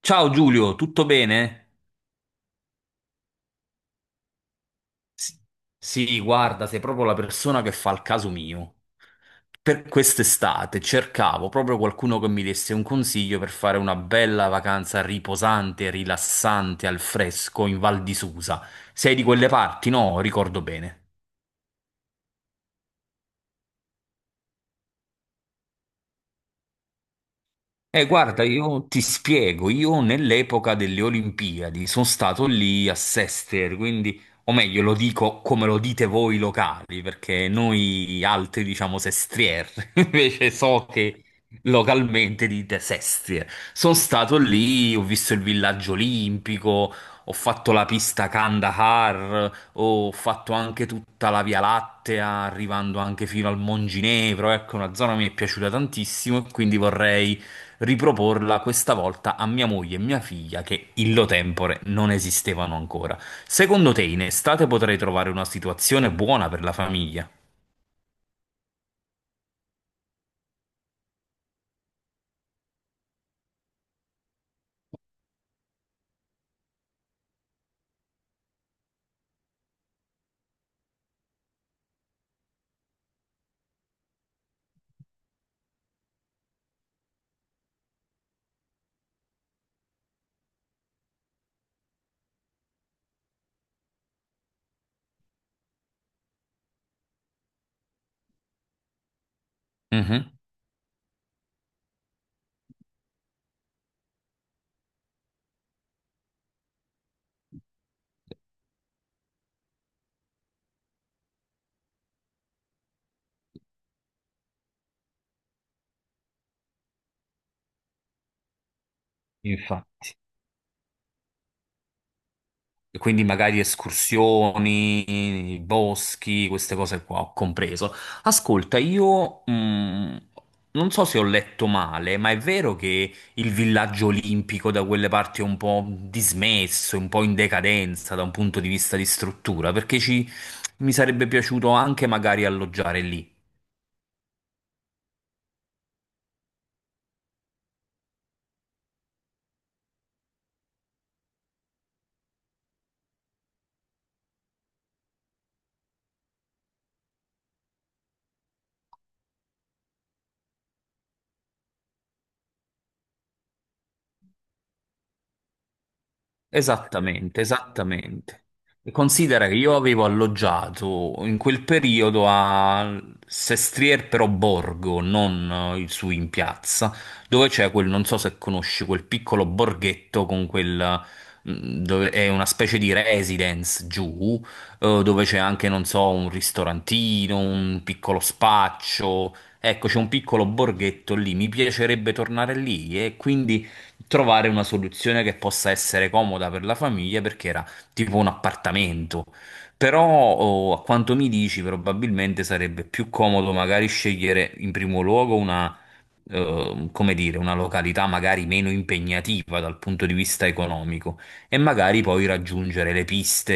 Ciao Giulio, tutto bene? S- Sì, guarda, sei proprio la persona che fa il caso mio. Per quest'estate cercavo proprio qualcuno che mi desse un consiglio per fare una bella vacanza riposante, rilassante, al fresco in Val di Susa. Sei di quelle parti, no? Ricordo bene. Guarda, io ti spiego, io nell'epoca delle Olimpiadi sono stato lì a Sester, quindi, o meglio, lo dico come lo dite voi locali, perché noi altri diciamo Sestrier, invece so che localmente dite Sestrier. Sono stato lì, ho visto il villaggio olimpico, ho fatto la pista Kandahar, ho fatto anche tutta la Via Lattea, arrivando anche fino al Monginevro, ecco, una zona che mi è piaciuta tantissimo e quindi vorrei riproporla questa volta a mia moglie e mia figlia che illo tempore non esistevano ancora. Secondo te in estate potrei trovare una situazione buona per la famiglia? Mhm. Infatti. E quindi magari escursioni, boschi, queste cose qua ho compreso. Ascolta, io non so se ho letto male, ma è vero che il villaggio olimpico da quelle parti è un po' dismesso, un po' in decadenza da un punto di vista di struttura, perché ci, mi sarebbe piaciuto anche magari alloggiare lì. Esattamente, esattamente. E considera che io avevo alloggiato in quel periodo a Sestrier però Borgo, non su in piazza, dove c'è quel, non so se conosci, quel piccolo borghetto con quel, dove è una specie di residence giù, dove c'è anche, non so, un ristorantino, un piccolo spaccio. Ecco, c'è un piccolo borghetto lì, mi piacerebbe tornare lì e quindi trovare una soluzione che possa essere comoda per la famiglia perché era tipo un appartamento. Però, oh, a quanto mi dici, probabilmente sarebbe più comodo magari scegliere in primo luogo una, come dire, una località magari meno impegnativa dal punto di vista economico e magari poi raggiungere le piste,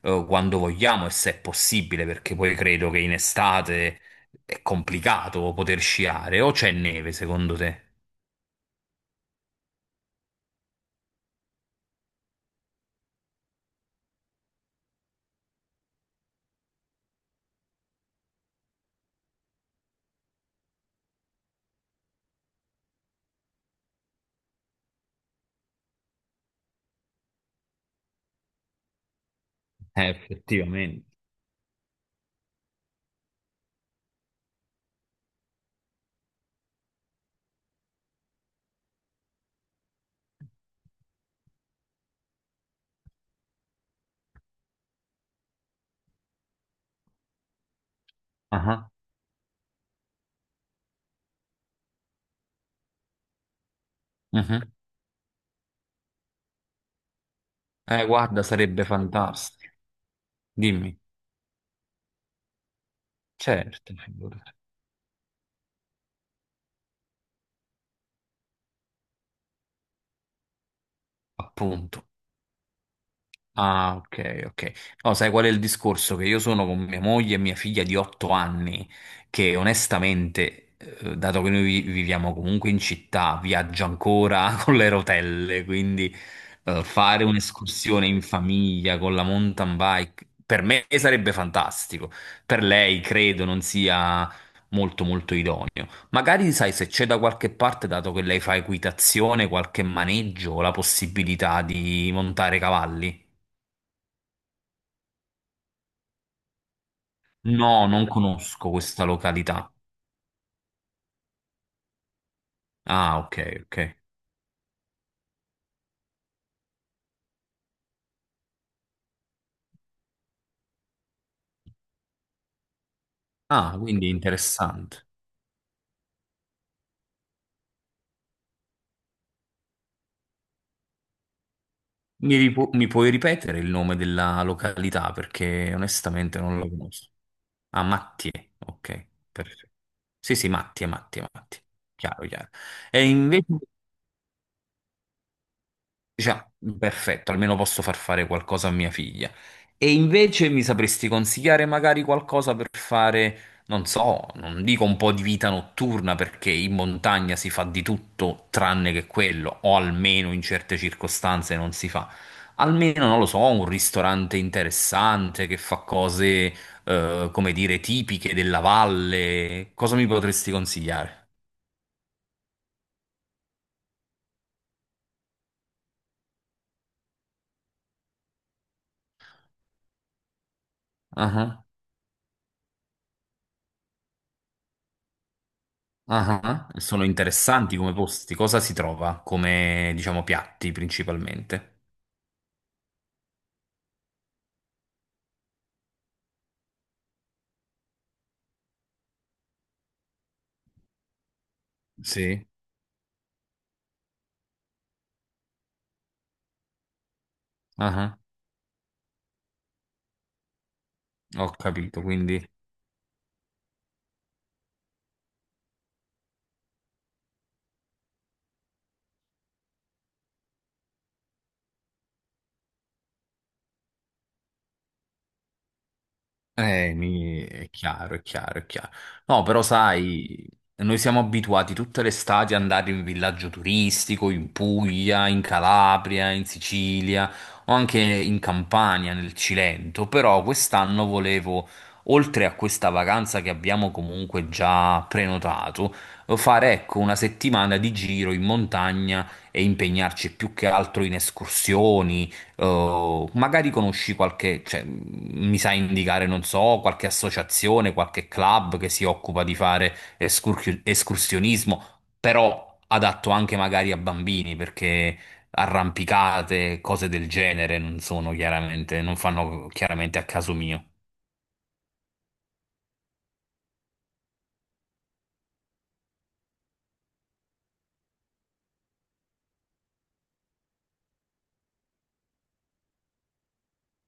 quando vogliamo e se è possibile, perché poi credo che in estate è complicato poter sciare o c'è neve, secondo te? Effettivamente. Ah, mhm. Guarda, sarebbe fantastico. Dimmi, certo, figurati. Appunto. Ah, ok, ok. No, sai qual è il discorso? Che io sono con mia moglie e mia figlia di 8 anni, che onestamente, dato che noi viviamo comunque in città, viaggia ancora con le rotelle, quindi fare un'escursione in famiglia con la mountain bike per me sarebbe fantastico. Per lei credo non sia molto molto idoneo. Magari sai se c'è da qualche parte, dato che lei fa equitazione, qualche maneggio, la possibilità di montare cavalli. No, non conosco questa località. Ah, ok, ok. Ah, quindi interessante. Mi puoi ripetere il nome della località perché onestamente non la conosco. Ah, Mattie, ok, perfetto. Sì, sì, Mattie, Mattie, Mattie. Chiaro, chiaro. E invece... Dice, "Ah, perfetto, almeno posso far fare qualcosa a mia figlia. E invece mi sapresti consigliare magari qualcosa per fare, non so, non dico un po' di vita notturna, perché in montagna si fa di tutto tranne che quello, o almeno in certe circostanze non si fa. Almeno, non lo so, un ristorante interessante che fa cose, come dire, tipiche della valle. Cosa mi potresti consigliare? Ah. Ah, ah. Sono interessanti come posti. Cosa si trova come, diciamo, piatti principalmente? Sì. Ah, ah. Ho capito, quindi è chiaro, è chiaro, è chiaro. No, però sai, noi siamo abituati tutte le estati ad andare in villaggio turistico, in Puglia, in Calabria, in Sicilia o anche in Campania, nel Cilento, però quest'anno volevo, oltre a questa vacanza che abbiamo comunque già prenotato, fare ecco una settimana di giro in montagna e impegnarci più che altro in escursioni. Oh, magari conosci qualche, cioè, mi sai indicare, non so, qualche associazione, qualche club che si occupa di fare escursionismo, però adatto anche magari a bambini, perché arrampicate, cose del genere non sono chiaramente, non fanno chiaramente a caso mio.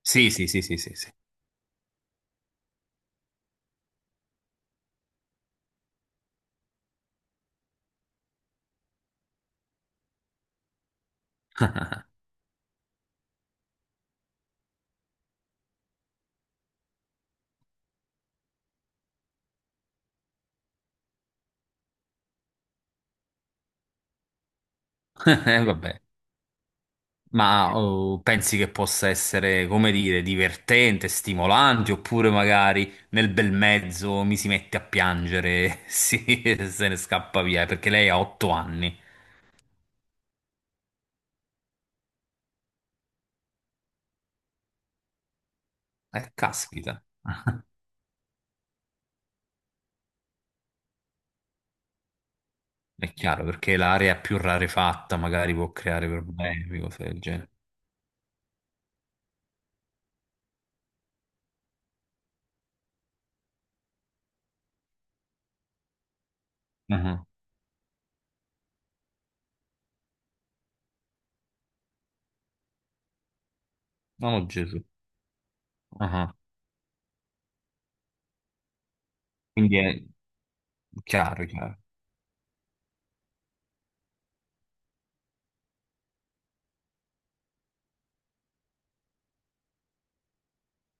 Sì, sì, sì, sì, sì, sì. Vabbè. Ma oh, pensi che possa essere, come dire, divertente, stimolante, oppure magari nel bel mezzo mi si mette a piangere, sì, e se ne scappa via, perché lei ha 8 anni. Caspita. Ah, è chiaro, perché l'area più rarefatta magari può creare problemi, cose del genere. Ah, oh, Gesù. Ah, quindi è chiaro, chiaro.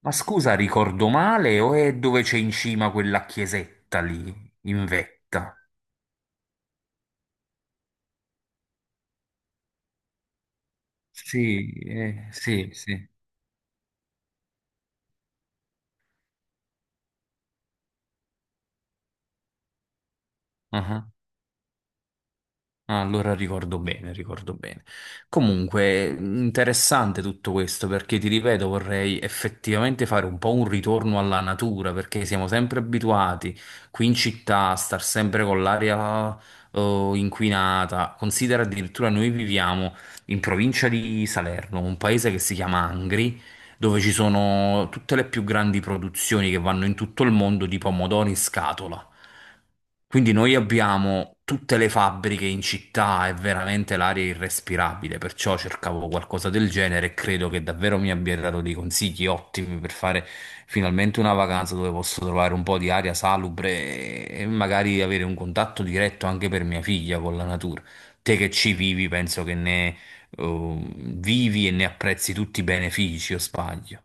Ma scusa, ricordo male o è dove c'è in cima quella chiesetta lì, in vetta? Sì, sì, sì. Ah, ah, allora ricordo bene, ricordo bene. Comunque, interessante tutto questo perché ti ripeto, vorrei effettivamente fare un po' un ritorno alla natura perché siamo sempre abituati qui in città a star sempre con l'aria inquinata. Considera addirittura noi viviamo in provincia di Salerno, un paese che si chiama Angri dove ci sono tutte le più grandi produzioni che vanno in tutto il mondo di pomodori in scatola. Quindi noi abbiamo tutte le fabbriche in città, è veramente l'aria irrespirabile, perciò cercavo qualcosa del genere e credo che davvero mi abbia dato dei consigli ottimi per fare finalmente una vacanza dove posso trovare un po' di aria salubre e magari avere un contatto diretto anche per mia figlia con la natura. Te che ci vivi, penso che ne vivi e ne apprezzi tutti i benefici, o sbaglio?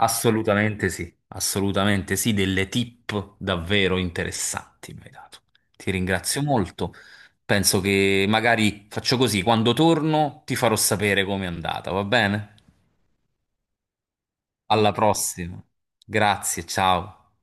Assolutamente sì, delle tip davvero interessanti mi hai dato. Ti ringrazio molto. Penso che magari faccio così, quando torno ti farò sapere com'è andata, va bene? Alla prossima. Grazie, ciao.